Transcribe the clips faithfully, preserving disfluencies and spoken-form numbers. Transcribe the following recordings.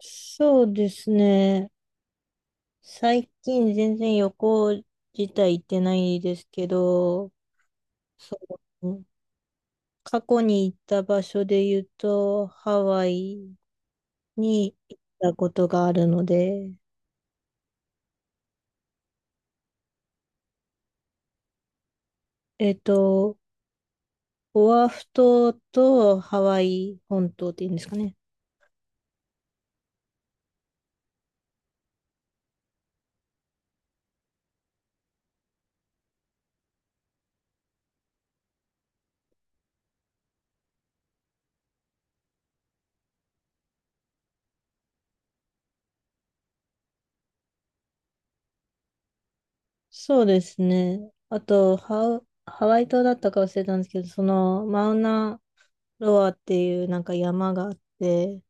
そうですね。最近全然旅行自体行ってないですけど、そう、過去に行った場所で言うと、ハワイに行ったことがあるので、えっと、オアフ島とハワイ本島っていうんですかね。そうですね。あと、ハウ、ハワイ島だったか忘れたんですけど、その、マウナロアっていうなんか山があって、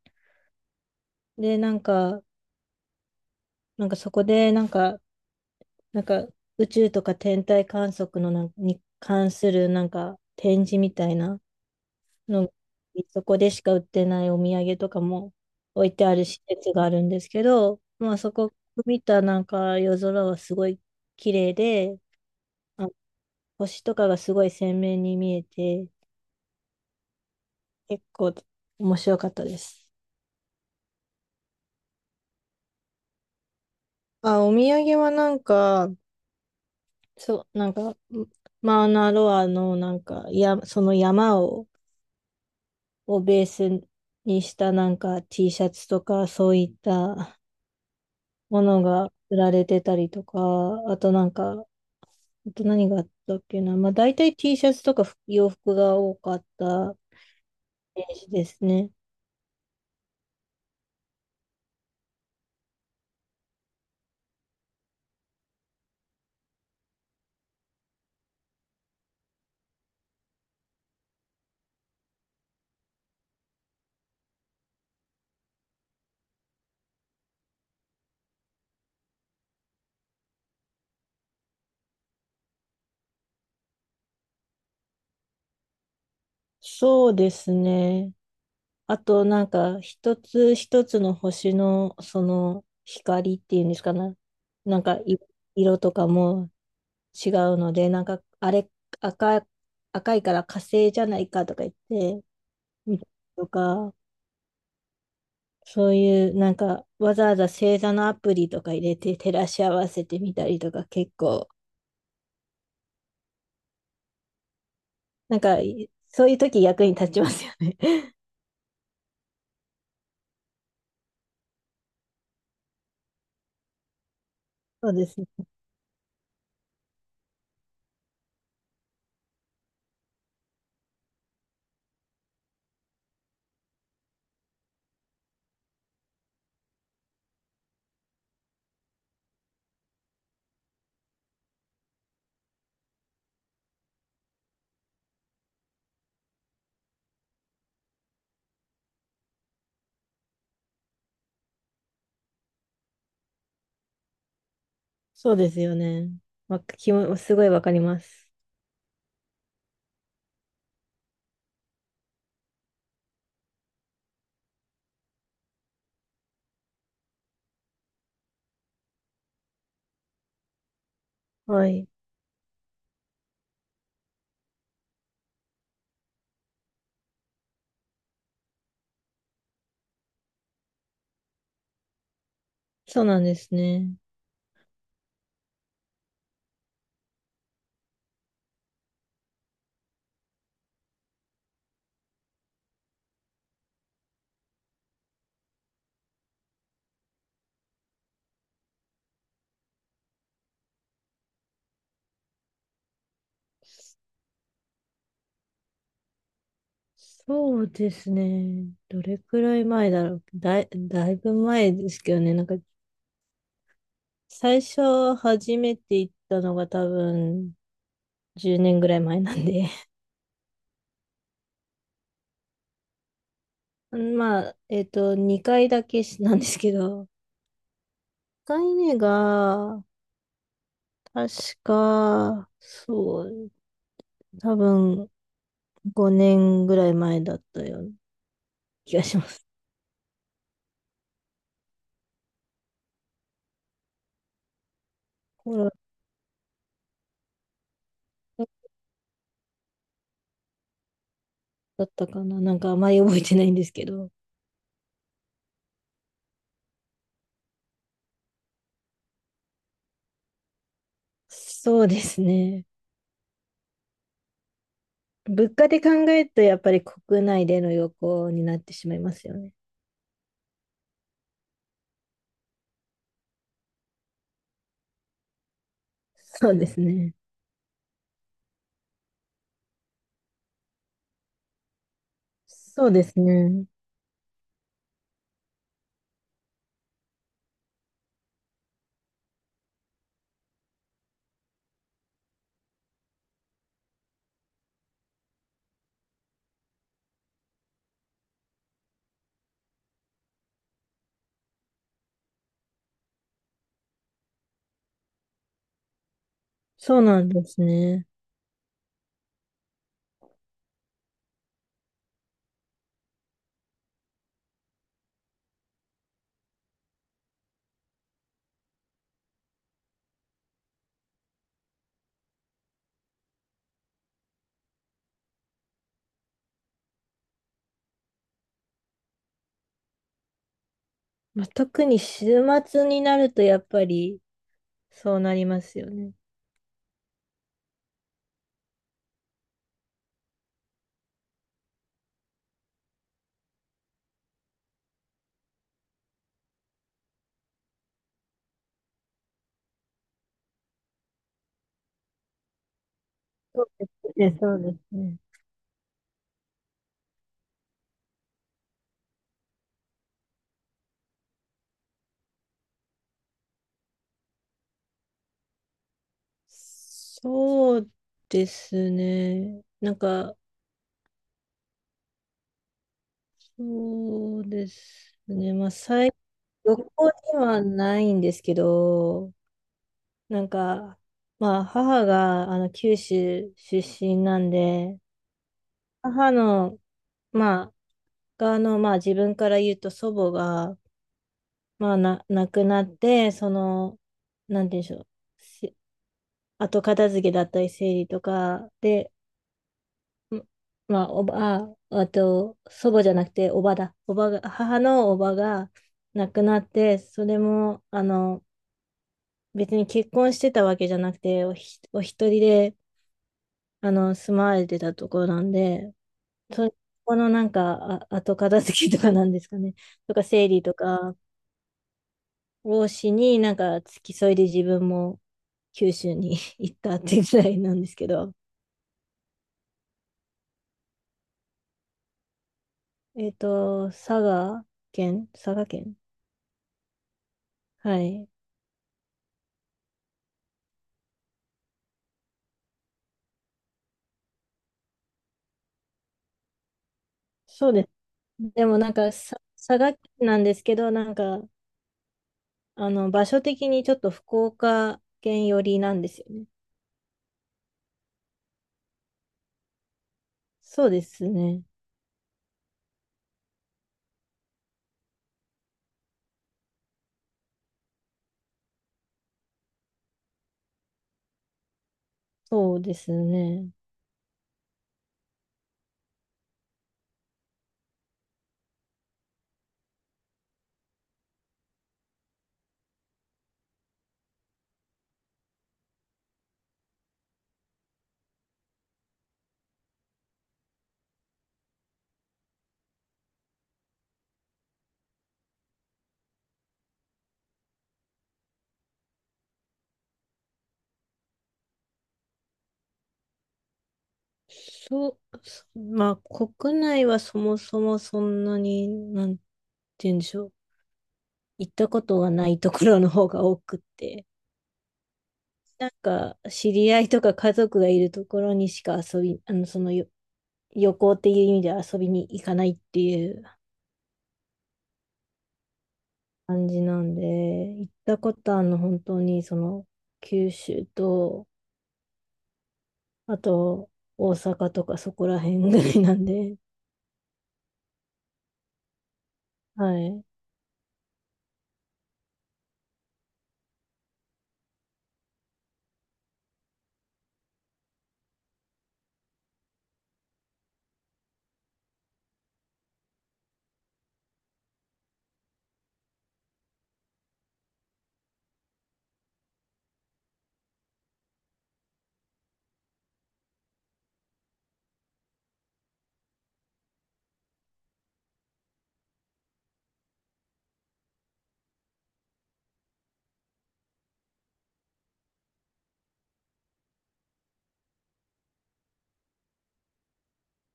で、なんか、なんかそこで、なんか、なんか宇宙とか天体観測のなんに関するなんか展示みたいなの、そこでしか売ってないお土産とかも置いてある施設があるんですけど、まあそこ見たなんか夜空はすごい綺麗で、あ、星とかがすごい鮮明に見えて、結構面白かったです。あ、お土産はなんか、そう、なんか、マウナロアのなんか、や、その山を、をベースにしたなんか T シャツとかそういったものが売られてたりとか、あとなんか、あと何があったっけな。まあ大体 T シャツとか洋服が多かったイメージですね。そうですね。あとなんか一つ一つの星のその光っていうんですかな。なんかい色とかも違うので、なんかあれ赤、赤いから火星じゃないかとか言って、みたりとか、そういうなんかわざわざ星座のアプリとか入れて照らし合わせてみたりとか結構なんかそういう時役に立ちますよね。そうです。そうですよね。わ、きも、すごいわかります。はい。そうなんですね。そうですね。どれくらい前だろう。だい、だいぶ前ですけどね。なんか最初初めて行ったのが多分じゅうねんぐらい前なんで。まあ、えっと、にかいだけしなんですけど、一回目が、確か、そう、多分ごねんぐらい前だったような気がします。コロナだったかななんかあまり覚えてないんですけど。そうですね。物価で考えるとやっぱり国内での旅行になってしまいますよね。そうですね。そうですね。そうなんですね。まあ、特に週末になるとやっぱりそうなりますよね。そうですね、そうですね。そうですね。なんか、そうですね。まあ、最、旅行ではないんですけど、なんか、まあ、母が、あの、九州出身なんで、母の、まあ、が、あの、まあ、自分から言うと祖母が、まあ、な、亡くなって、その、なんて言うんでしょう。し後片付けだったり、整理とかで、まあ、おば、あ、あと、祖母じゃなくて、おばだ。おばが、母のおばが亡くなって、それも、あの、別に結婚してたわけじゃなくて、おひ、お一人で、あの、住まわれてたところなんで、そこのなんか、あ、後片付けとかなんですかね。とか、整理とかをしに、なんか、付き添いで自分も九州に 行ったっていうぐらいなんですけど、えっと、佐賀県、佐賀県はい。そうですねでもなんかさ、佐賀県なんですけど、なんか、あの、場所的にちょっと福岡県寄りなんですよね。そうですね。そうですね。そう、そまあ、国内はそもそもそんなに、なんて言うんでしょう。行ったことがないところの方が多くって。なんか、知り合いとか家族がいるところにしか遊び、あの、そのよ、旅行っていう意味では遊びに行かないっていう感じなんで、行ったことあるの本当にその九州と、あと大阪とかそこら辺ぐらいなんで、はい。